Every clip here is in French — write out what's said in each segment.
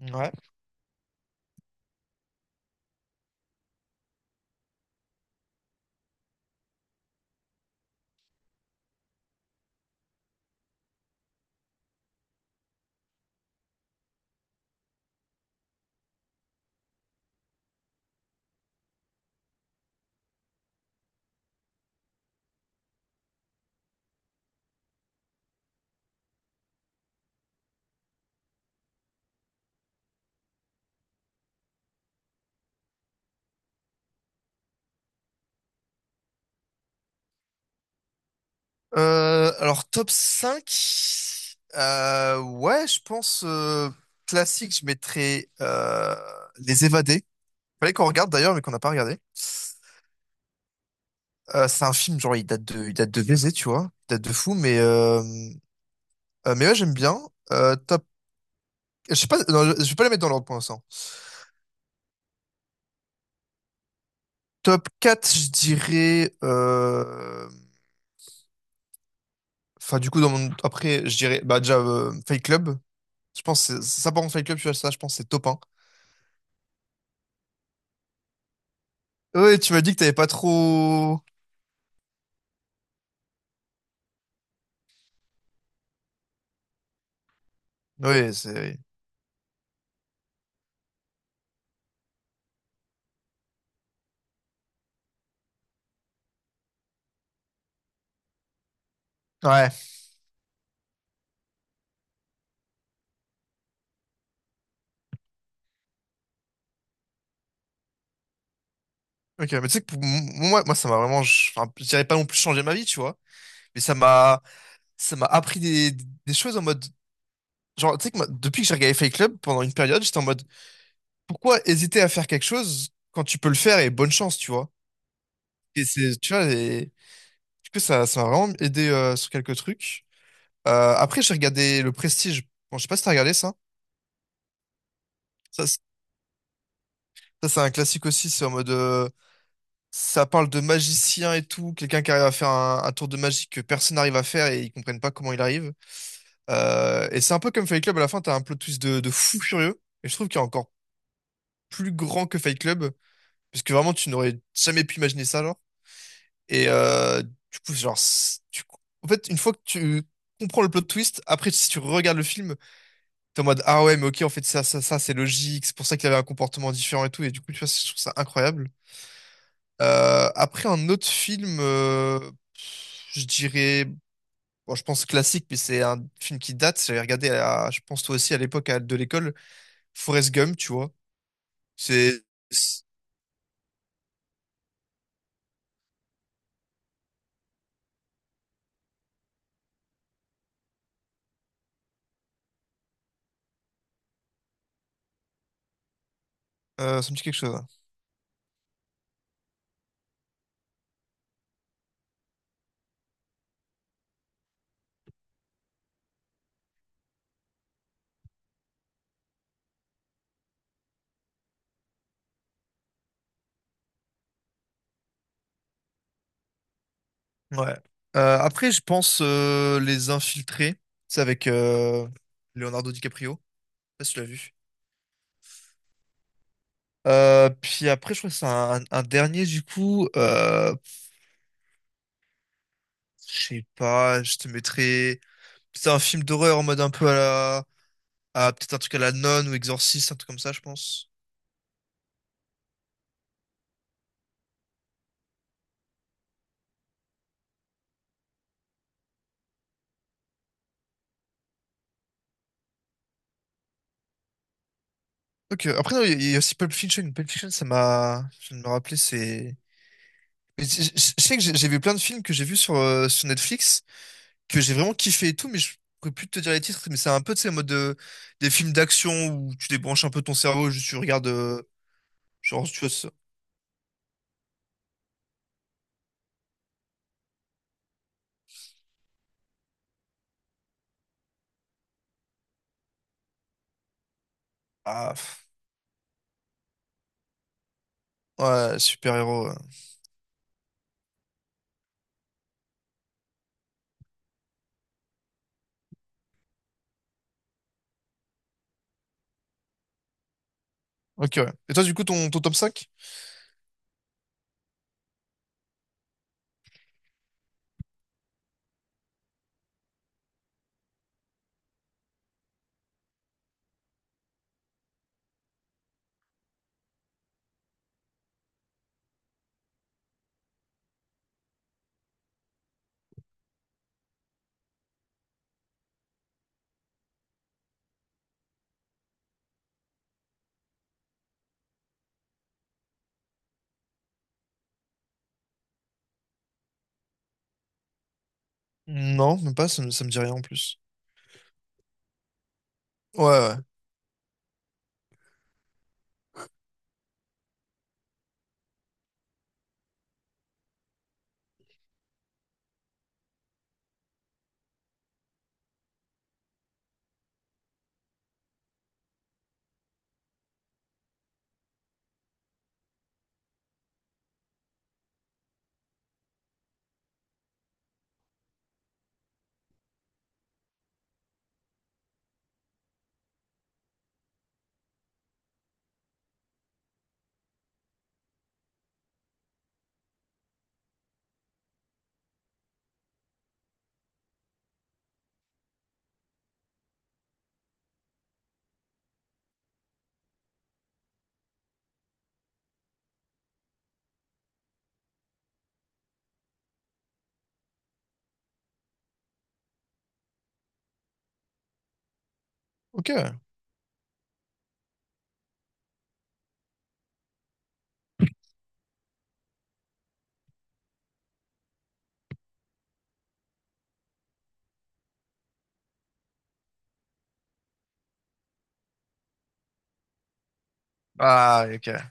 Ouais. Alors, top 5 ouais, je pense classique, je mettrais Les Évadés. Fallait qu'on regarde d'ailleurs, mais qu'on n'a pas regardé. C'est un film, genre, il date de baiser, tu vois. Il date de fou, mais ouais, j'aime bien. Euh, top, je sais pas, non, je vais pas les mettre dans l'ordre pour l'instant. Top 4 je dirais. Enfin, du coup, dans mon... après, je dirais bah, déjà Fight Club. Je pense que ça, par contre, Fight Club, tu vois, ça, je pense que c'est top. Oui, tu m'as dit que t'avais pas trop. Oui, c'est. Oui. Ouais. Ok, mais tu sais que pour moi, ça m'a vraiment. Enfin, je dirais pas non plus changé ma vie, tu vois. Mais ça m'a appris des choses en mode. Genre, tu sais que moi, depuis que j'ai regardé Fight Club pendant une période, j'étais en mode, pourquoi hésiter à faire quelque chose quand tu peux le faire et bonne chance, tu vois. Et c'est, tu vois, et... du coup, ça m'a vraiment aidé sur quelques trucs. Après, j'ai regardé Le Prestige. Bon, je sais pas si t'as regardé ça. Ça, c'est Ça, c'est un classique aussi. C'est en mode. Ça parle de magicien et tout, quelqu'un qui arrive à faire un tour de magie que personne n'arrive à faire et ils comprennent pas comment il arrive. Et c'est un peu comme Fight Club, à la fin, t'as un plot twist de fou furieux. Et je trouve qu'il est encore plus grand que Fight Club, parce que vraiment, tu n'aurais jamais pu imaginer ça, genre. Et du coup, genre, en fait, une fois que tu comprends le plot twist, après, si tu regardes le film, t'es en mode, ah ouais, mais ok, en fait, ça, c'est logique, c'est pour ça qu'il avait un comportement différent et tout. Et du coup, tu vois, je trouve ça incroyable. Après, un autre film, je dirais, bon, je pense classique, mais c'est un film qui date. J'avais regardé, à, je pense toi aussi, à l'époque de l'école, Forrest Gump, tu vois. C'est, c'est- Ça me dit quelque chose. Hein. Ouais. Après, je pense Les Infiltrés. C'est avec Leonardo DiCaprio. Je sais pas si tu l'as vu. Puis après, je crois que c'est un dernier, du coup. Je sais pas, je te mettrais. C'est un film d'horreur en mode un peu à la. À peut-être un truc à la nonne ou exorciste, un truc comme ça, je pense. Ok, après, non, il y a aussi Pulp Fiction. Pulp Fiction, ça m'a. Je viens de me rappeler, c'est. Mais je sais que j'ai vu plein de films que j'ai vus sur, sur Netflix, que j'ai vraiment kiffé et tout, mais je pourrais plus te dire les titres, mais c'est un peu, tu sais, en mode des films d'action où tu débranches un peu ton cerveau, juste tu regardes, genre, tu vois, ah, pff, ouais, super-héros. Ouais. Ok, ouais. Et toi, du coup, ton top cinq. Non, même pas, ça me dit rien en plus. Ouais, ouais. Ok. Ah, ok.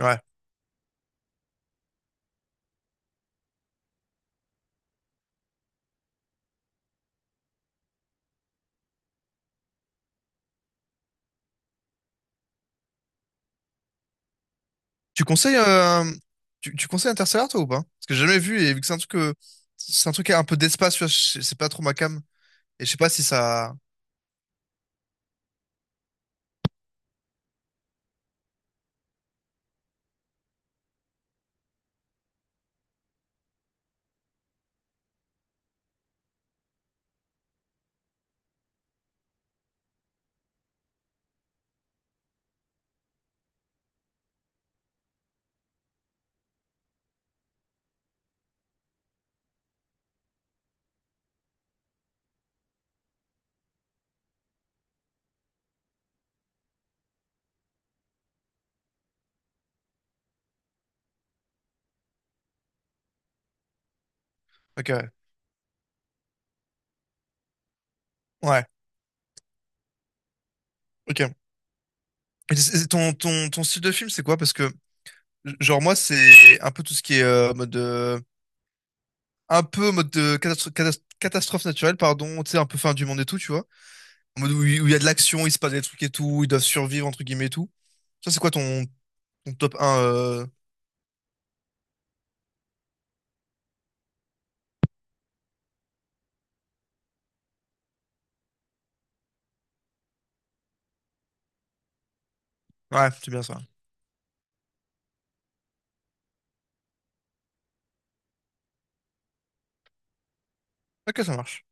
Ouais. Tu conseilles, euh, Tu, tu conseilles Interstellar, toi, ou pas? Parce que j'ai jamais vu, et vu que c'est un truc qui a un peu d'espace, tu vois, c'est pas trop ma came. Et je sais pas si ça... Ok, ouais. Ouais, ok. Et c'est ton style de film, c'est quoi? Parce que, genre, moi, c'est un peu tout ce qui est un peu mode de catastrophe naturelle, pardon, tu sais, un peu fin du monde et tout, tu vois. En mode où il y a de l'action, il se passe des trucs et tout, ils doivent survivre, entre guillemets, et tout. Ça, c'est quoi ton top un Ouais, c'est bien ça. Ok, ça marche.